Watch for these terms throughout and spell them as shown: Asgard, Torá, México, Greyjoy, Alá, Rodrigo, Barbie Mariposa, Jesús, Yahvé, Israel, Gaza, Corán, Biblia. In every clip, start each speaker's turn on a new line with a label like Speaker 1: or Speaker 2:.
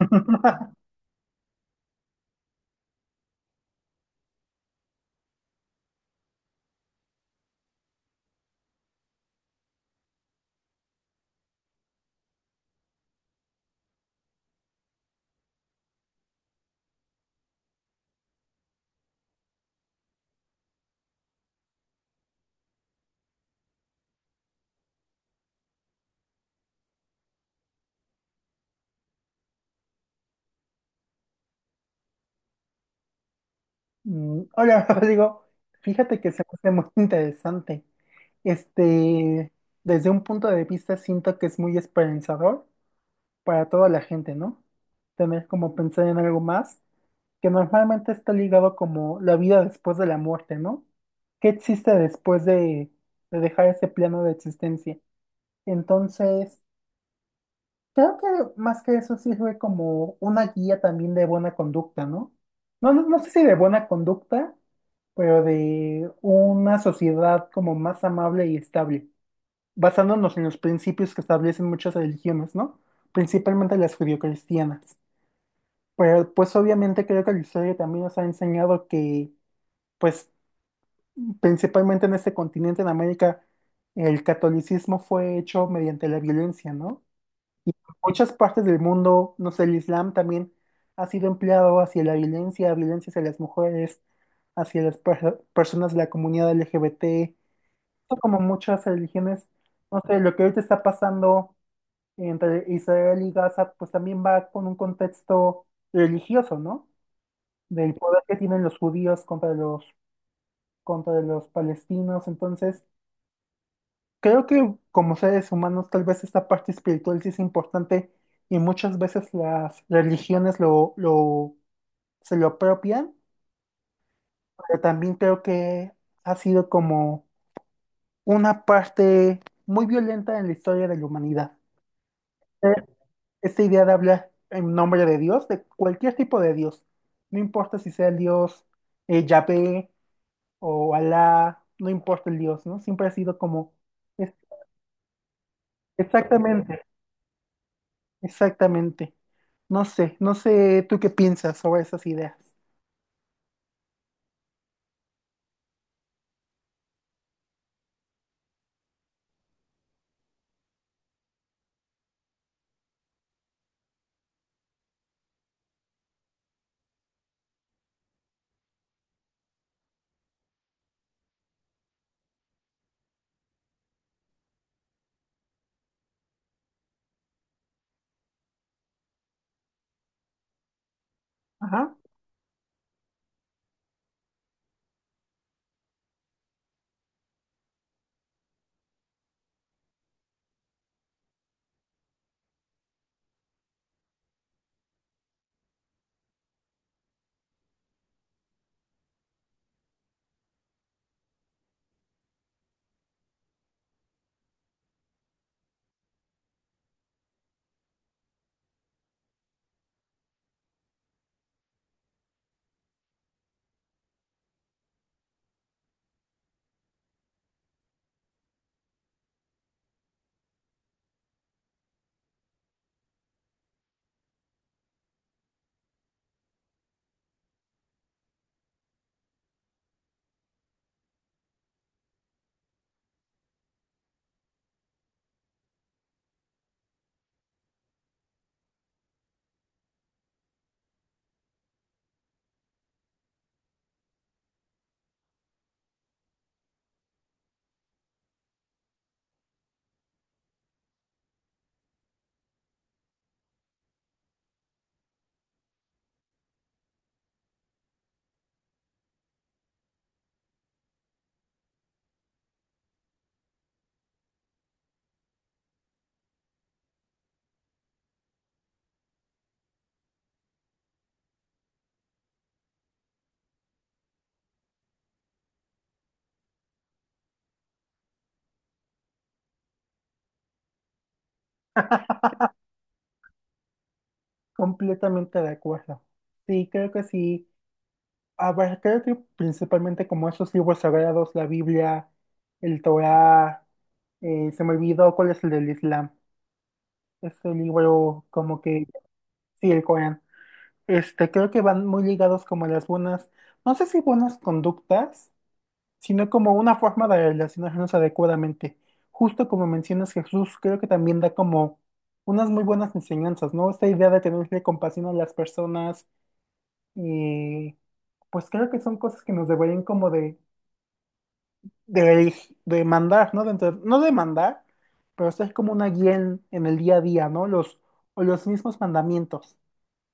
Speaker 1: Mm, hola, Rodrigo. Fíjate que se me hace muy interesante. Este, Desde un punto de vista, siento que es muy esperanzador para toda la gente, ¿no? Tener como pensar en algo más, que normalmente está ligado como la vida después de la muerte, ¿no? ¿Qué existe después de dejar ese plano de existencia? Entonces, creo que más que eso sirve como una guía también de buena conducta, ¿no? No, no, no sé si de buena conducta, pero de una sociedad como más amable y estable, basándonos en los principios que establecen muchas religiones, ¿no? Principalmente las judio-cristianas. Pero pues obviamente creo que la historia también nos ha enseñado que, pues principalmente en este continente, en América, el catolicismo fue hecho mediante la violencia, ¿no? Y en muchas partes del mundo, no sé, el Islam también ha sido empleado hacia la violencia, violencia hacia las mujeres, hacia las personas de la comunidad LGBT. Son como muchas religiones, no sé, lo que ahorita está pasando entre Israel y Gaza, pues también va con un contexto religioso, ¿no? Del poder que tienen los judíos contra los palestinos. Entonces, creo que como seres humanos tal vez esta parte espiritual sí es importante y muchas veces las religiones se lo apropian, pero también creo que ha sido como una parte muy violenta en la historia de la humanidad. Eh, Esta idea de hablar en nombre de Dios, de cualquier tipo de Dios, no importa si sea el Dios Yahvé o Alá, no importa el Dios, ¿no? Siempre ha sido como... es- Exactamente, exactamente. No sé, no sé tú qué piensas sobre esas ideas. Ajá, completamente de acuerdo. Sí, creo que sí. A ver, creo que principalmente como esos libros sagrados, la Biblia, el Torá, se me olvidó cuál es el del Islam. Este libro como que, sí, el Corán. Este, creo que van muy ligados como a las buenas, no sé si buenas conductas, sino como una forma de relacionarnos adecuadamente. Justo como mencionas Jesús, creo que también da como unas muy buenas enseñanzas, ¿no? Esta idea de tenerle compasión a las personas y pues creo que son cosas que nos deberían como de, de mandar, ¿no? Dentro, no de mandar, pero ser como una guía en el día a día, ¿no? Los, o los mismos mandamientos,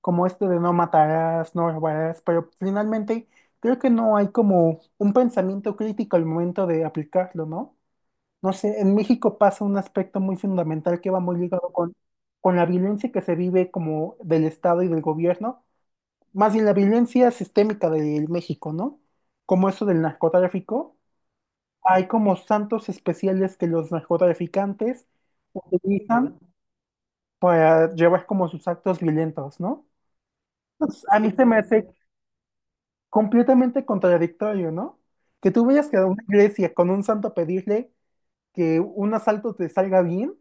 Speaker 1: como este de no matarás, no robarás, pero finalmente creo que no hay como un pensamiento crítico al momento de aplicarlo, ¿no? No sé, en México pasa un aspecto muy fundamental que va muy ligado con la violencia que se vive como del Estado y del gobierno, más bien la violencia sistémica del México, ¿no? Como eso del narcotráfico. Hay como santos especiales que los narcotraficantes utilizan para llevar como sus actos violentos, ¿no? Pues, a mí se me hace completamente contradictorio, ¿no? Que tú vayas a una iglesia con un santo a pedirle que un asalto te salga bien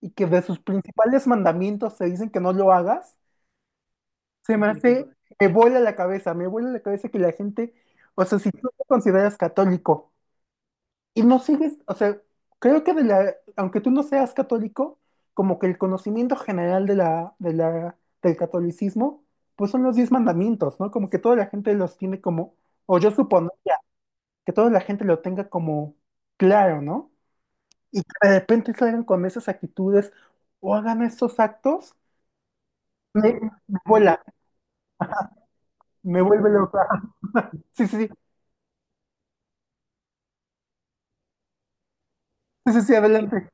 Speaker 1: y que de sus principales mandamientos se dicen que no lo hagas, se me hace, me vuela la cabeza, me vuela la cabeza que la gente, o sea, si tú te consideras católico y no sigues, o sea, creo que de la, aunque tú no seas católico, como que el conocimiento general del catolicismo, pues son los 10 mandamientos, ¿no? Como que toda la gente los tiene como, o yo suponía que toda la gente lo tenga como claro, ¿no? Y que de repente salgan con esas actitudes o hagan estos actos. Me, me vuela, Me vuelve loca. Sí, sí, sí, sí, sí, sí, adelante.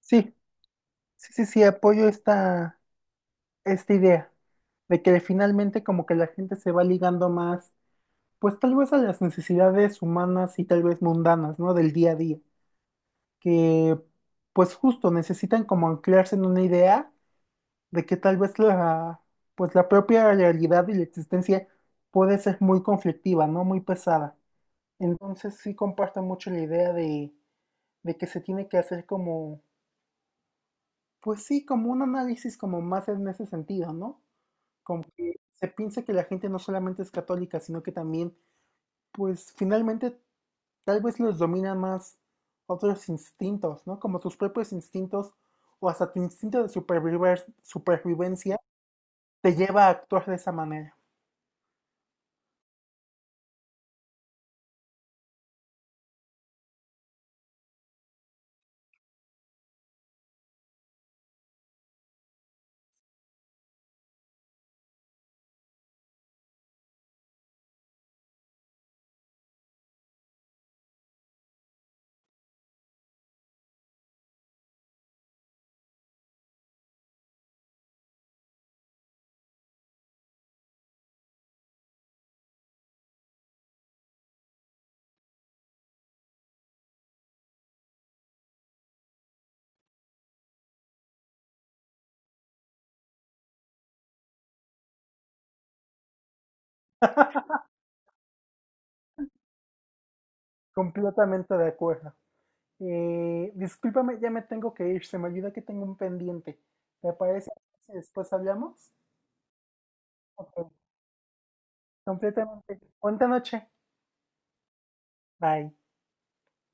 Speaker 1: Sí, sí, sí, sí, apoyo esta idea de que finalmente como que la gente se va ligando más, pues tal vez a las necesidades humanas y tal vez mundanas, ¿no? Del día a día, que pues justo necesitan como anclarse en una idea de que tal vez la, pues la propia realidad y la existencia puede ser muy conflictiva, ¿no? Muy pesada. Entonces sí comparto mucho la idea de que se tiene que hacer como, pues sí, como un análisis como más en ese sentido, ¿no? Como que se piensa que la gente no solamente es católica, sino que también, pues finalmente tal vez los domina más otros instintos, ¿no? Como tus propios instintos o hasta tu instinto de supervivencia te lleva a actuar de esa manera. Completamente de acuerdo. Discúlpame, ya me tengo que ir, se me olvida que tengo un pendiente. ¿Te parece? Si después hablamos. Okay. Completamente. Buena noche. Bye.